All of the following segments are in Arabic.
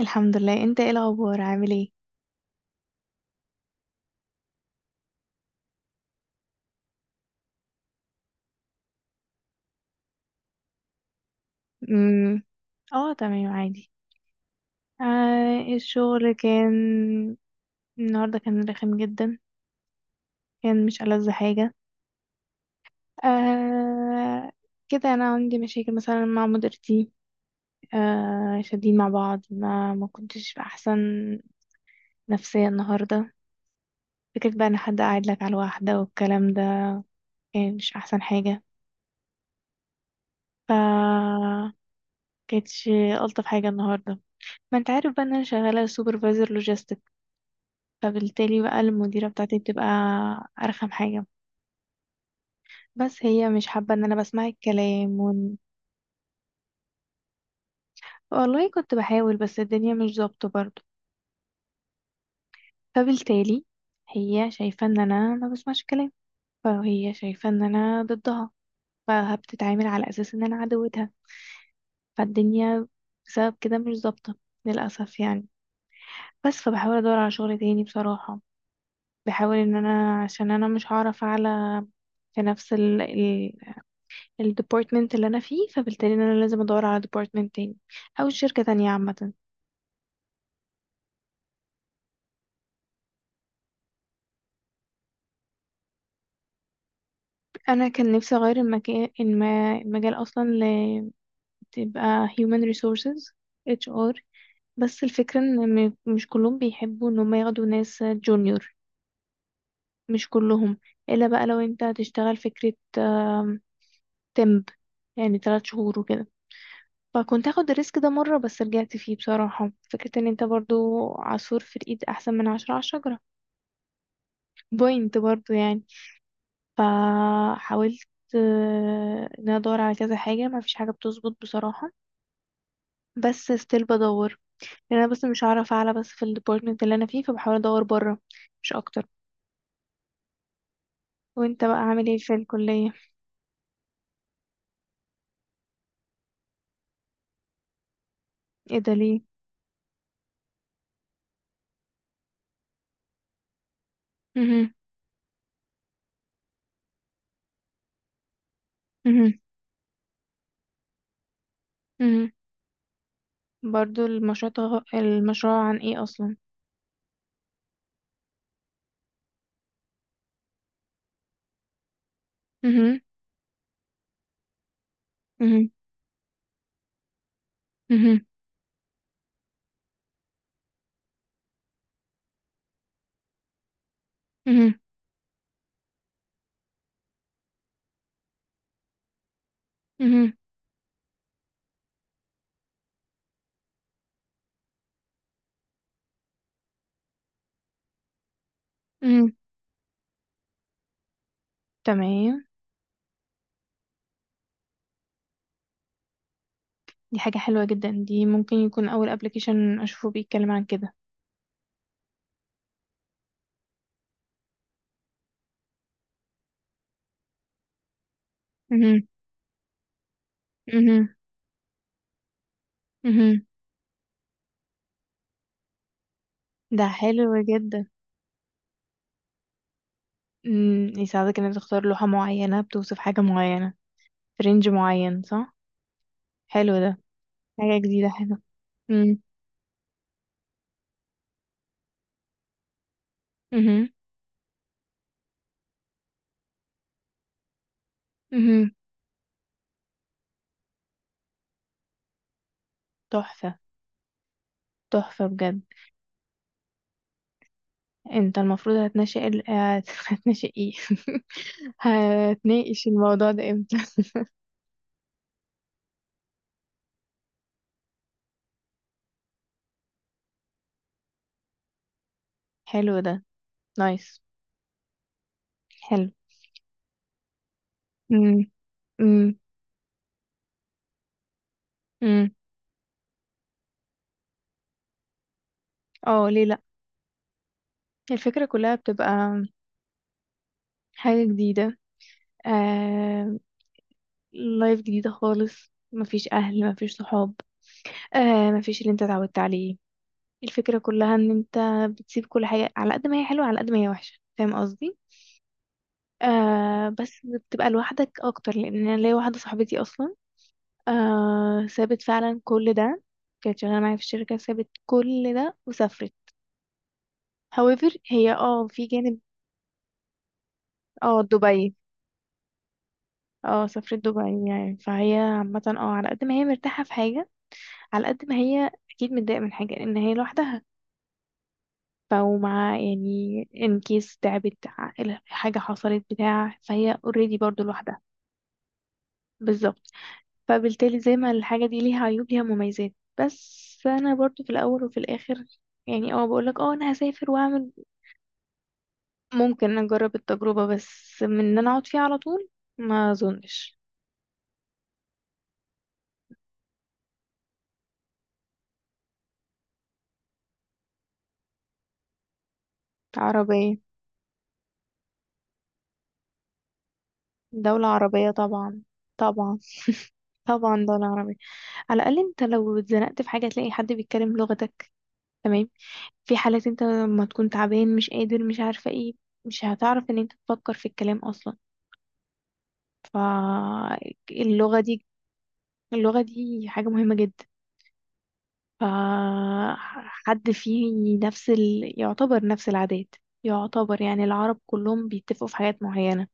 الحمد لله. انت ايه الاخبار، عامل ايه؟ امم اه تمام عادي. الشغل كان النهارده، كان رخم جدا. كان مش ألذ حاجه. آه كده انا عندي مشاكل مثلا مع مديرتي. شادين مع بعض، ما كنتش في احسن نفسيه النهارده. فكرة بقى ان حد قاعد لك على واحده والكلام ده، كان مش احسن حاجه. ف كانتش الطف حاجه النهارده. ما انت عارف بقى ان انا شغاله سوبرفايزر لوجيستكس، فبالتالي بقى المديرة بتاعتي بتبقى أرخم حاجة. بس هي مش حابة إن أنا بسمع الكلام والله كنت بحاول بس الدنيا مش ظابطة برضه. فبالتالي هي شايفة إن أنا ما بسمعش كلام، فهي شايفة إن أنا ضدها، فبتتعامل على أساس إن أنا عدوتها. فالدنيا بسبب كده مش ظابطة، للأسف يعني. بس فبحاول أدور على شغل تاني بصراحة. بحاول إن أنا، عشان أنا مش هعرف أعلى في نفس الديبارتمنت اللي انا فيه، فبالتالي إن انا لازم ادور على ديبارتمنت تاني او شركة تانية عامة. انا كان نفسي اغير المكان المجال اصلا، تبقى human resources، HR. بس الفكرة ان مش كلهم بيحبوا ان هم ياخدوا ناس جونيور. مش كلهم. الا بقى لو انت هتشتغل فكرة تمب، يعني 3 شهور وكده. فكنت هاخد الريسك ده مرة بس رجعت فيه بصراحة. فكرة ان انت برضو عصفور في الايد احسن من عشرة على الشجرة. بوينت برضو يعني. فحاولت، ان انا ادور على كذا حاجه، ما فيش حاجه بتظبط بصراحه. بس ستيل بدور، لان انا بس مش هعرف اعلى بس في الديبارتمنت اللي انا فيه، فبحاول ادور بره مش اكتر. وانت بقى عامل ايه في الكليه؟ ايه ده ليه؟ مهم. مهم. مهم. برضو المشروع، المشروع عن ايه اصلا؟ مهم. مهم. مهم. مهم. مهم. مهم. تمام. دي حاجه حلوه جدا. دي ممكن يكون اول ابلكيشن اشوفه بيتكلم عن كده. مهم. مهم. مهم. ده حلو جدا. امم، يساعدك انك تختار لوحة معينة بتوصف حاجة معينة في رينج معين، صح؟ حلو ده. حاجة جديدة حلوة. امم. امم. امم. تحفة. تحفة بجد. انت المفروض هتناقش هتناقش ايه؟ هتناقش الموضوع ده امتى؟ حلو ده. نايس. حلو. امم. امم. امم. اه ليه لا. الفكرة كلها بتبقى حاجة جديدة. آه... لايف جديدة خالص، مفيش اهل مفيش صحاب. مفيش اللي انت اتعودت عليه. الفكرة كلها ان انت بتسيب كل حاجة، على قد ما هي حلوة على قد ما هي وحشة، فاهم قصدي؟ بس بتبقى لوحدك اكتر، لان انا ليا واحدة صاحبتي اصلا. سابت فعلا كل ده. كانت شغالة معايا في الشركة، سابت كل ده وسافرت. however هي اه في جانب. اه، دبي. اه سافرت دبي، يعني فهي عامة اه على قد ما هي مرتاحة في حاجة، على قد ما هي اكيد متضايقة من حاجة لان هي لوحدها. فهو معاه يعني ان كيس تعبت، حاجة حصلت بتاع، فهي اوريدي برضو لوحدها. بالظبط. فبالتالي زي ما الحاجة دي ليها عيوب ليها مميزات. بس انا برضو في الاول وفي الاخر، يعني بقولك انا هسافر واعمل. ممكن اجرب التجربة، بس من ان انا اقعد فيها على طول، ما اظنش. عربية. دولة عربية طبعا. طبعا. طبعا دولة عربية. على الأقل أنت لو اتزنقت في حاجة تلاقي حد بيتكلم لغتك، تمام؟ في حالات انت لما تكون تعبان، مش قادر، مش عارفة ايه، مش هتعرف ان انت تفكر في الكلام اصلا. فاللغة دي، اللغة دي حاجة مهمة جدا. فحد فيه نفس يعتبر نفس العادات. يعتبر يعني العرب كلهم بيتفقوا في حاجات معينة.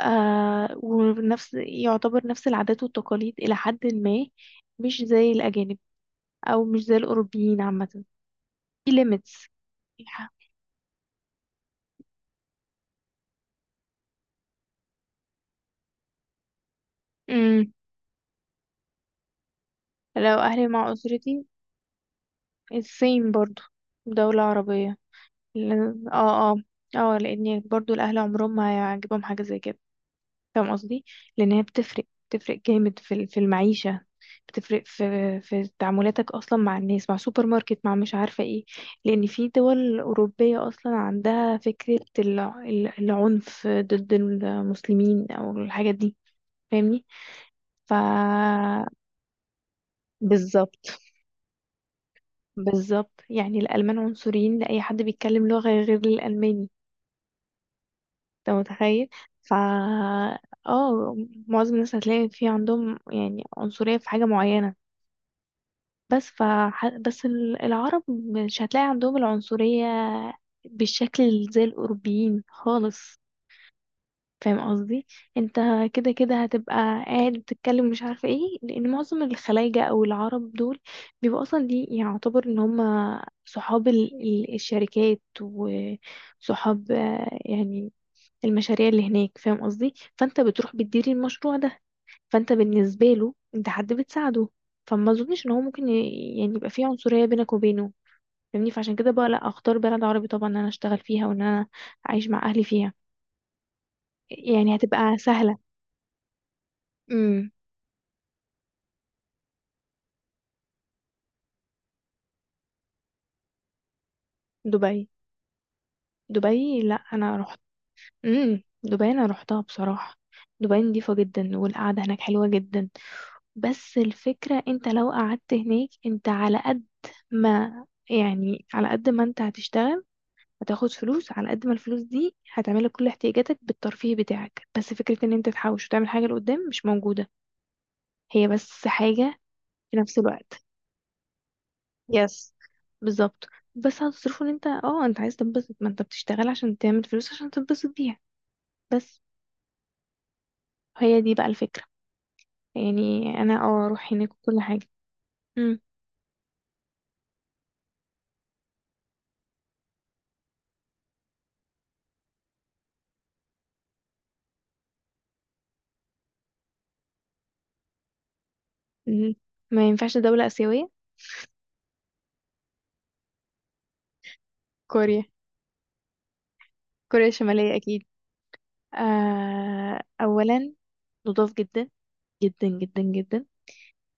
ونفس يعتبر نفس العادات والتقاليد إلى حد ما. مش زي الأجانب، أو مش زي الأوروبيين عامة. في limits. امم. لو أهلي مع أسرتي، الصين برضو. دولة عربية. اه اه. اه لأن برضو الأهل عمرهم ما هيعجبهم حاجة زي كده. فاهم قصدي؟ لأن هي بتفرق، بتفرق جامد في في المعيشة. بتفرق في تعاملاتك أصلا مع الناس، مع سوبر ماركت، مع مش عارفة ايه. لأن في دول أوروبية أصلا عندها فكرة العنف ضد المسلمين أو الحاجات دي. فاهمني؟ ف بالظبط. بالظبط، يعني الألمان عنصريين لأي حد بيتكلم لغة غير الألماني. انت متخيل؟ ف اه معظم الناس هتلاقي في عندهم يعني عنصرية في حاجة معينة. بس ف بس العرب مش هتلاقي عندهم العنصرية بالشكل زي الأوروبيين خالص. فاهم قصدي؟ انت كده كده هتبقى قاعد بتتكلم مش عارفة ايه، لأن معظم الخلايجة أو العرب دول بيبقوا أصلا، دي يعتبر ان هم صحاب الشركات، وصحاب يعني المشاريع اللي هناك، فاهم قصدي؟ فانت بتروح بتديري المشروع ده، فانت بالنسبه له انت حد بتساعده. فما اظنش ان هو ممكن يعني يبقى فيه عنصريه بينك وبينه. فاهمني؟ فعشان كده بقى لا، اختار بلد عربي طبعا ان انا اشتغل فيها وان انا اعيش مع اهلي فيها، يعني هتبقى سهله. امم. دبي. دبي، لا انا رحت. امم، دبي انا رحتها بصراحه. دبي نضيفة جدا، والقعدة هناك حلوة جدا. بس الفكرة انت لو قعدت هناك، انت على قد ما، يعني على قد ما انت هتشتغل هتاخد فلوس، على قد ما الفلوس دي هتعملك كل احتياجاتك بالترفيه بتاعك. بس فكرة ان انت تحوش وتعمل حاجة لقدام، مش موجودة. هي بس حاجة في نفس الوقت. يس. بالظبط. بس هتصرفه ان انت، انت عايز تنبسط. ما انت بتشتغل عشان تعمل فلوس عشان تنبسط بيها. بس هي دي بقى الفكرة. يعني انا اروح هناك وكل حاجة. مم. مم. ما ينفعش دولة آسيوية. كوريا. كوريا الشمالية اكيد. اولا نضاف جدا، جدا جدا جدا.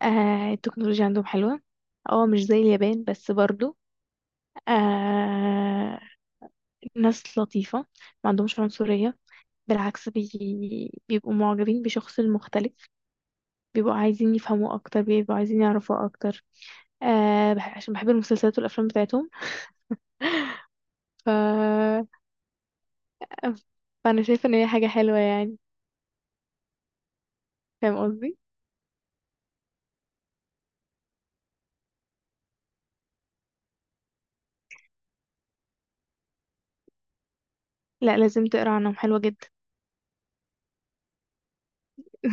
التكنولوجيا عندهم حلوة. اه مش زي اليابان بس برضو. آه. ناس لطيفة. ما عندهمش عنصرية. بالعكس بيبقوا معجبين بشخص المختلف. بيبقوا عايزين يفهموا أكتر، بيبقوا عايزين يعرفوا أكتر. عشان بحب المسلسلات والأفلام بتاعتهم. ف... فأنا شايفة إن هي حاجة حلوة يعني. فاهم قصدي؟ لا لازم تقرا عنهم، حلوة جدا.